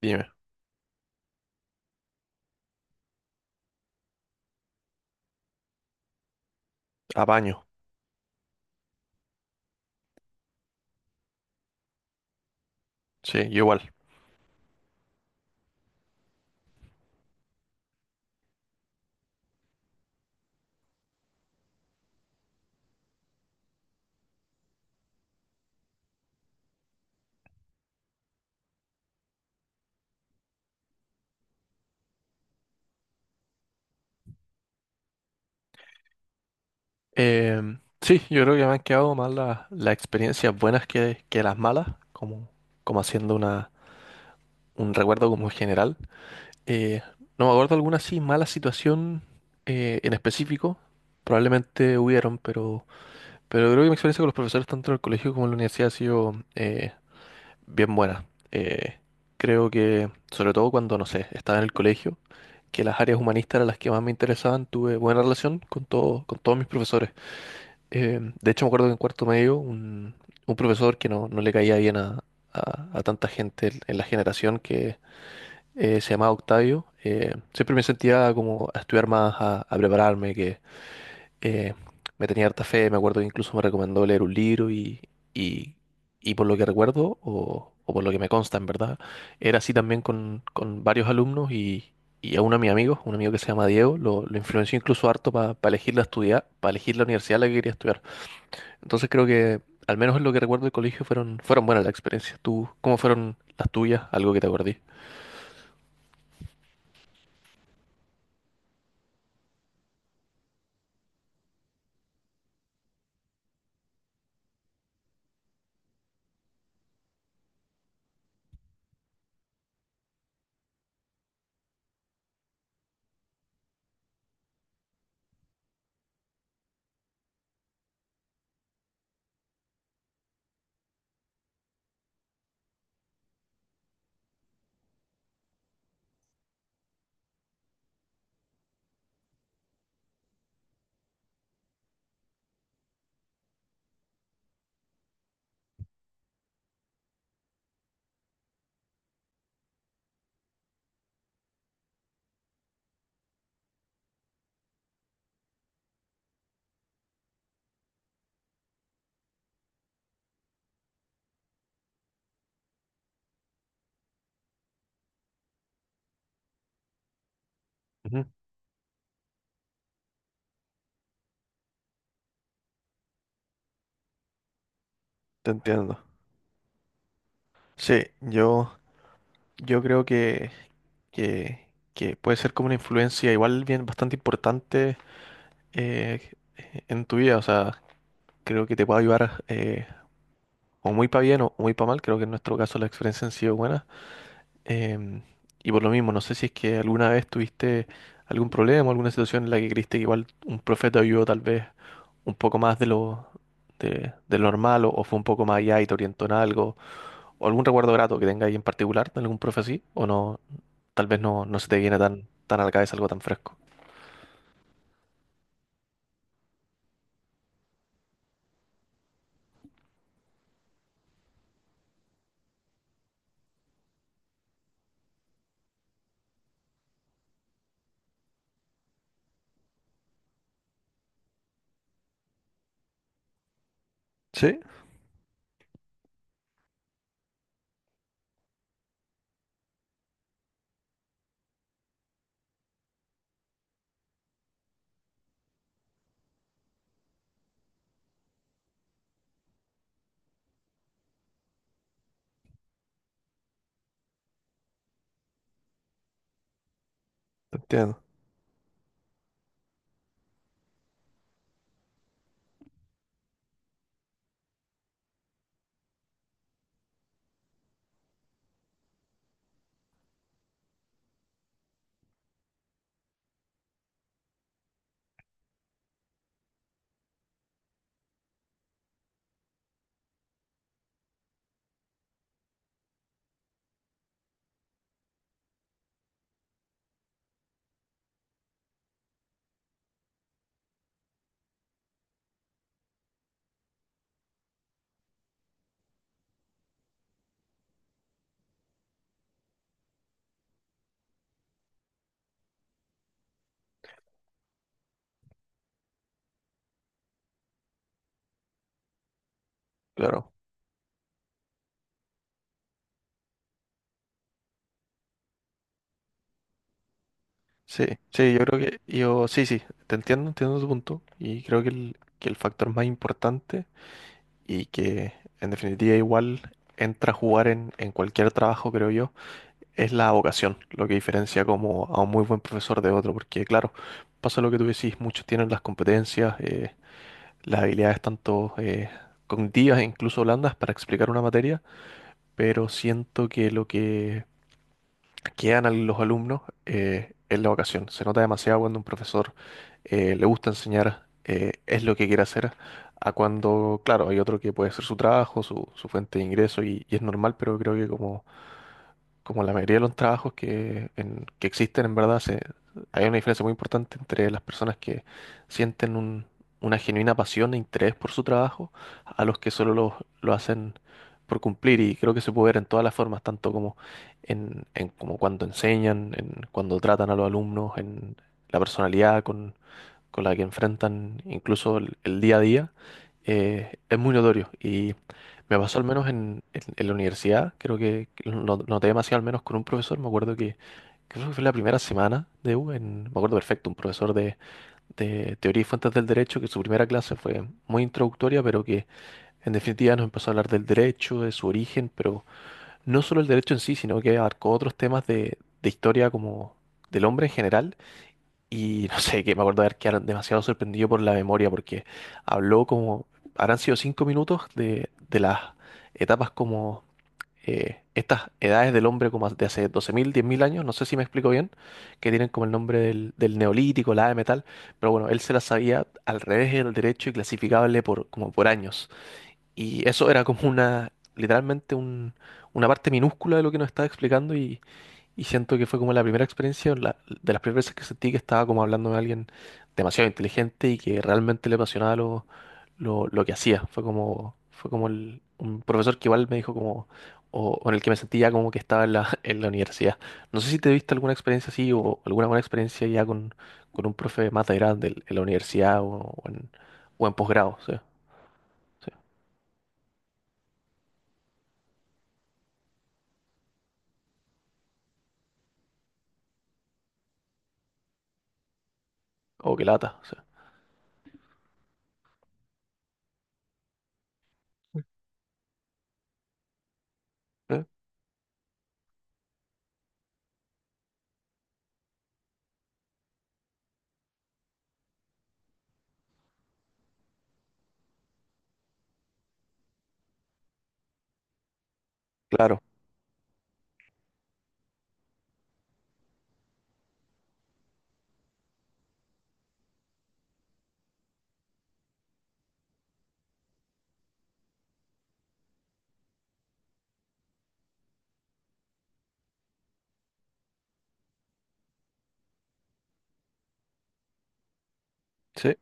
Dime, apaño. Sí, yo igual. Sí, yo creo que me han quedado más las experiencias buenas que las malas, como, como haciendo un recuerdo como general. Eh, no me acuerdo alguna así mala situación en específico. Probablemente hubieron, pero creo que mi experiencia con los profesores tanto en el colegio como en la universidad ha sido bien buena. Eh, Creo que, sobre todo cuando, no sé, estaba en el colegio, que las áreas humanistas eran las que más me interesaban, tuve buena relación con todos mis profesores. De hecho, me acuerdo que en cuarto medio, un profesor que no le caía bien a tanta gente en la generación que se llamaba Octavio, siempre me sentía como a estudiar más, a prepararme, que eh, me tenía harta fe. Me acuerdo que incluso me recomendó leer un libro, y, y por lo que recuerdo, o por lo que me consta en verdad, era así también con varios alumnos, y a uno de mis amigos, un amigo que se llama Diego, lo influenció incluso harto para elegir la estudiar, para elegir la universidad a la que quería estudiar. Entonces creo que, al menos en lo que recuerdo del colegio, fueron buenas las experiencias. ¿Tú, cómo fueron las tuyas? Algo que te acordé. Ujú, te entiendo. Sí, yo creo que que, que puede ser como una influencia igual bien bastante importante eh, en tu vida. O sea, creo que te puede ayudar, o muy para bien o muy para mal. Creo que en nuestro caso las experiencias han sido buenas. Em, y por lo mismo, no sé si es que alguna vez tuviste algún problema, alguna situación en la que creíste que igual un profe te ayudó tal vez un poco más de lo de lo normal, o fue un poco más allá y te orientó en algo, o algún recuerdo grato que tenga ahí en particular de algún profe así, o no, tal vez no se te viene tan a la cabeza algo tan fresco. Sí, te entiendo, claro. Sí, sí, yo creo que yo, sí, sí, te entiendo, entiendo tu punto. Y creo que el factor más importante y que en definitiva igual entra a jugar en cualquier trabajo, creo yo, es la vocación, lo que diferencia como a un muy buen profesor de otro. Porque claro, pasa lo que tú decís, muchos tienen las competencias, las habilidades tanto cognitivas e incluso blandas para explicar una materia, pero siento que lo que quedan los alumnos, en la vocación. Se nota demasiado cuando un profesor, le gusta enseñar, es lo que quiere hacer, a cuando, claro, hay otro que puede ser su trabajo, su fuente de ingreso, y es normal. Pero creo que como la mayoría de los trabajos que, que existen, en verdad, hay una diferencia muy importante entre las personas que sienten una genuina pasión e interés por su trabajo, a los que solo lo hacen por cumplir. Y creo que se puede ver en todas las formas, tanto como, como cuando enseñan, en cuando tratan a los alumnos, en la personalidad con la que enfrentan incluso el día a día. Es muy notorio. Y me pasó al menos en la universidad. Creo que lo noté demasiado al menos con un profesor. Me acuerdo que creo que fue la primera semana de U, me acuerdo perfecto, un profesor de teoría y fuentes del derecho, que su primera clase fue muy introductoria, pero que en definitiva nos empezó a hablar del derecho, de su origen, pero no solo el derecho en sí, sino que abarcó otros temas de historia como del hombre en general. Y no sé, que me acuerdo de haber quedado demasiado sorprendido por la memoria, porque habló como, habrán sido 5 minutos de las etapas como, estas edades del hombre como de hace 12.000 10.000 años, no sé si me explico bien, que tienen como el nombre del neolítico, la edad de metal, pero bueno, él se las sabía al revés y al derecho y clasificable por, como por años. Y eso era como literalmente una parte minúscula de lo que nos estaba explicando, y siento que fue como la primera experiencia, de las primeras veces que sentí que estaba como hablando de alguien demasiado inteligente y que realmente le apasionaba lo que hacía. Fue como un profesor que igual me dijo como, o en el que me sentía como que estaba en la, en la universidad. No sé si te viste alguna experiencia así o alguna buena experiencia ya con un profe más de grande en la universidad o en posgrado, sí, sí. O que lata, sí. ¿Eh? Claro, sí,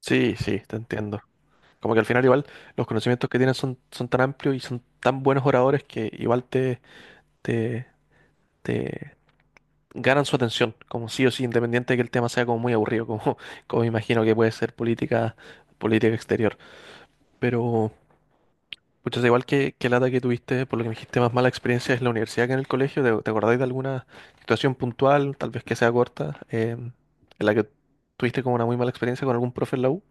sí, sí, te entiendo. Como que al final igual los conocimientos que tienen son tan amplios y son tan buenos oradores que igual te, te ganan su atención, como sí o sí, independiente de que el tema sea como muy aburrido, como imagino que puede ser política, política exterior. Pero, pucha, igual que lata que tuviste, por lo que me dijiste, más mala experiencia es la universidad que en el colegio. Te acordáis de alguna situación puntual, tal vez que sea corta, en la que tuviste como una muy mala experiencia con algún profe en la U?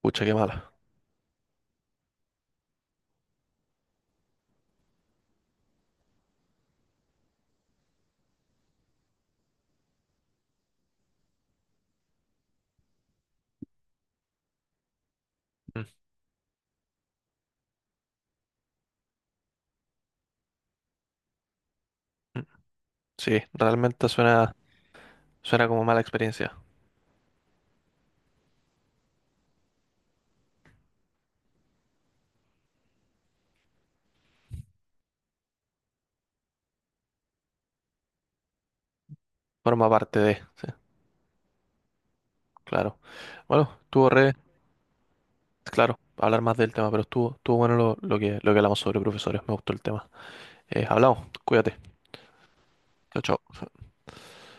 Pucha, qué mala. Mm, mm. Sí, realmente suena como mala experiencia. Forma parte de, sí, claro. Bueno, claro, hablar más del tema, pero estuvo bueno lo que hablamos sobre profesores. Me gustó el tema. Hablamos, cuídate. Chao, chao.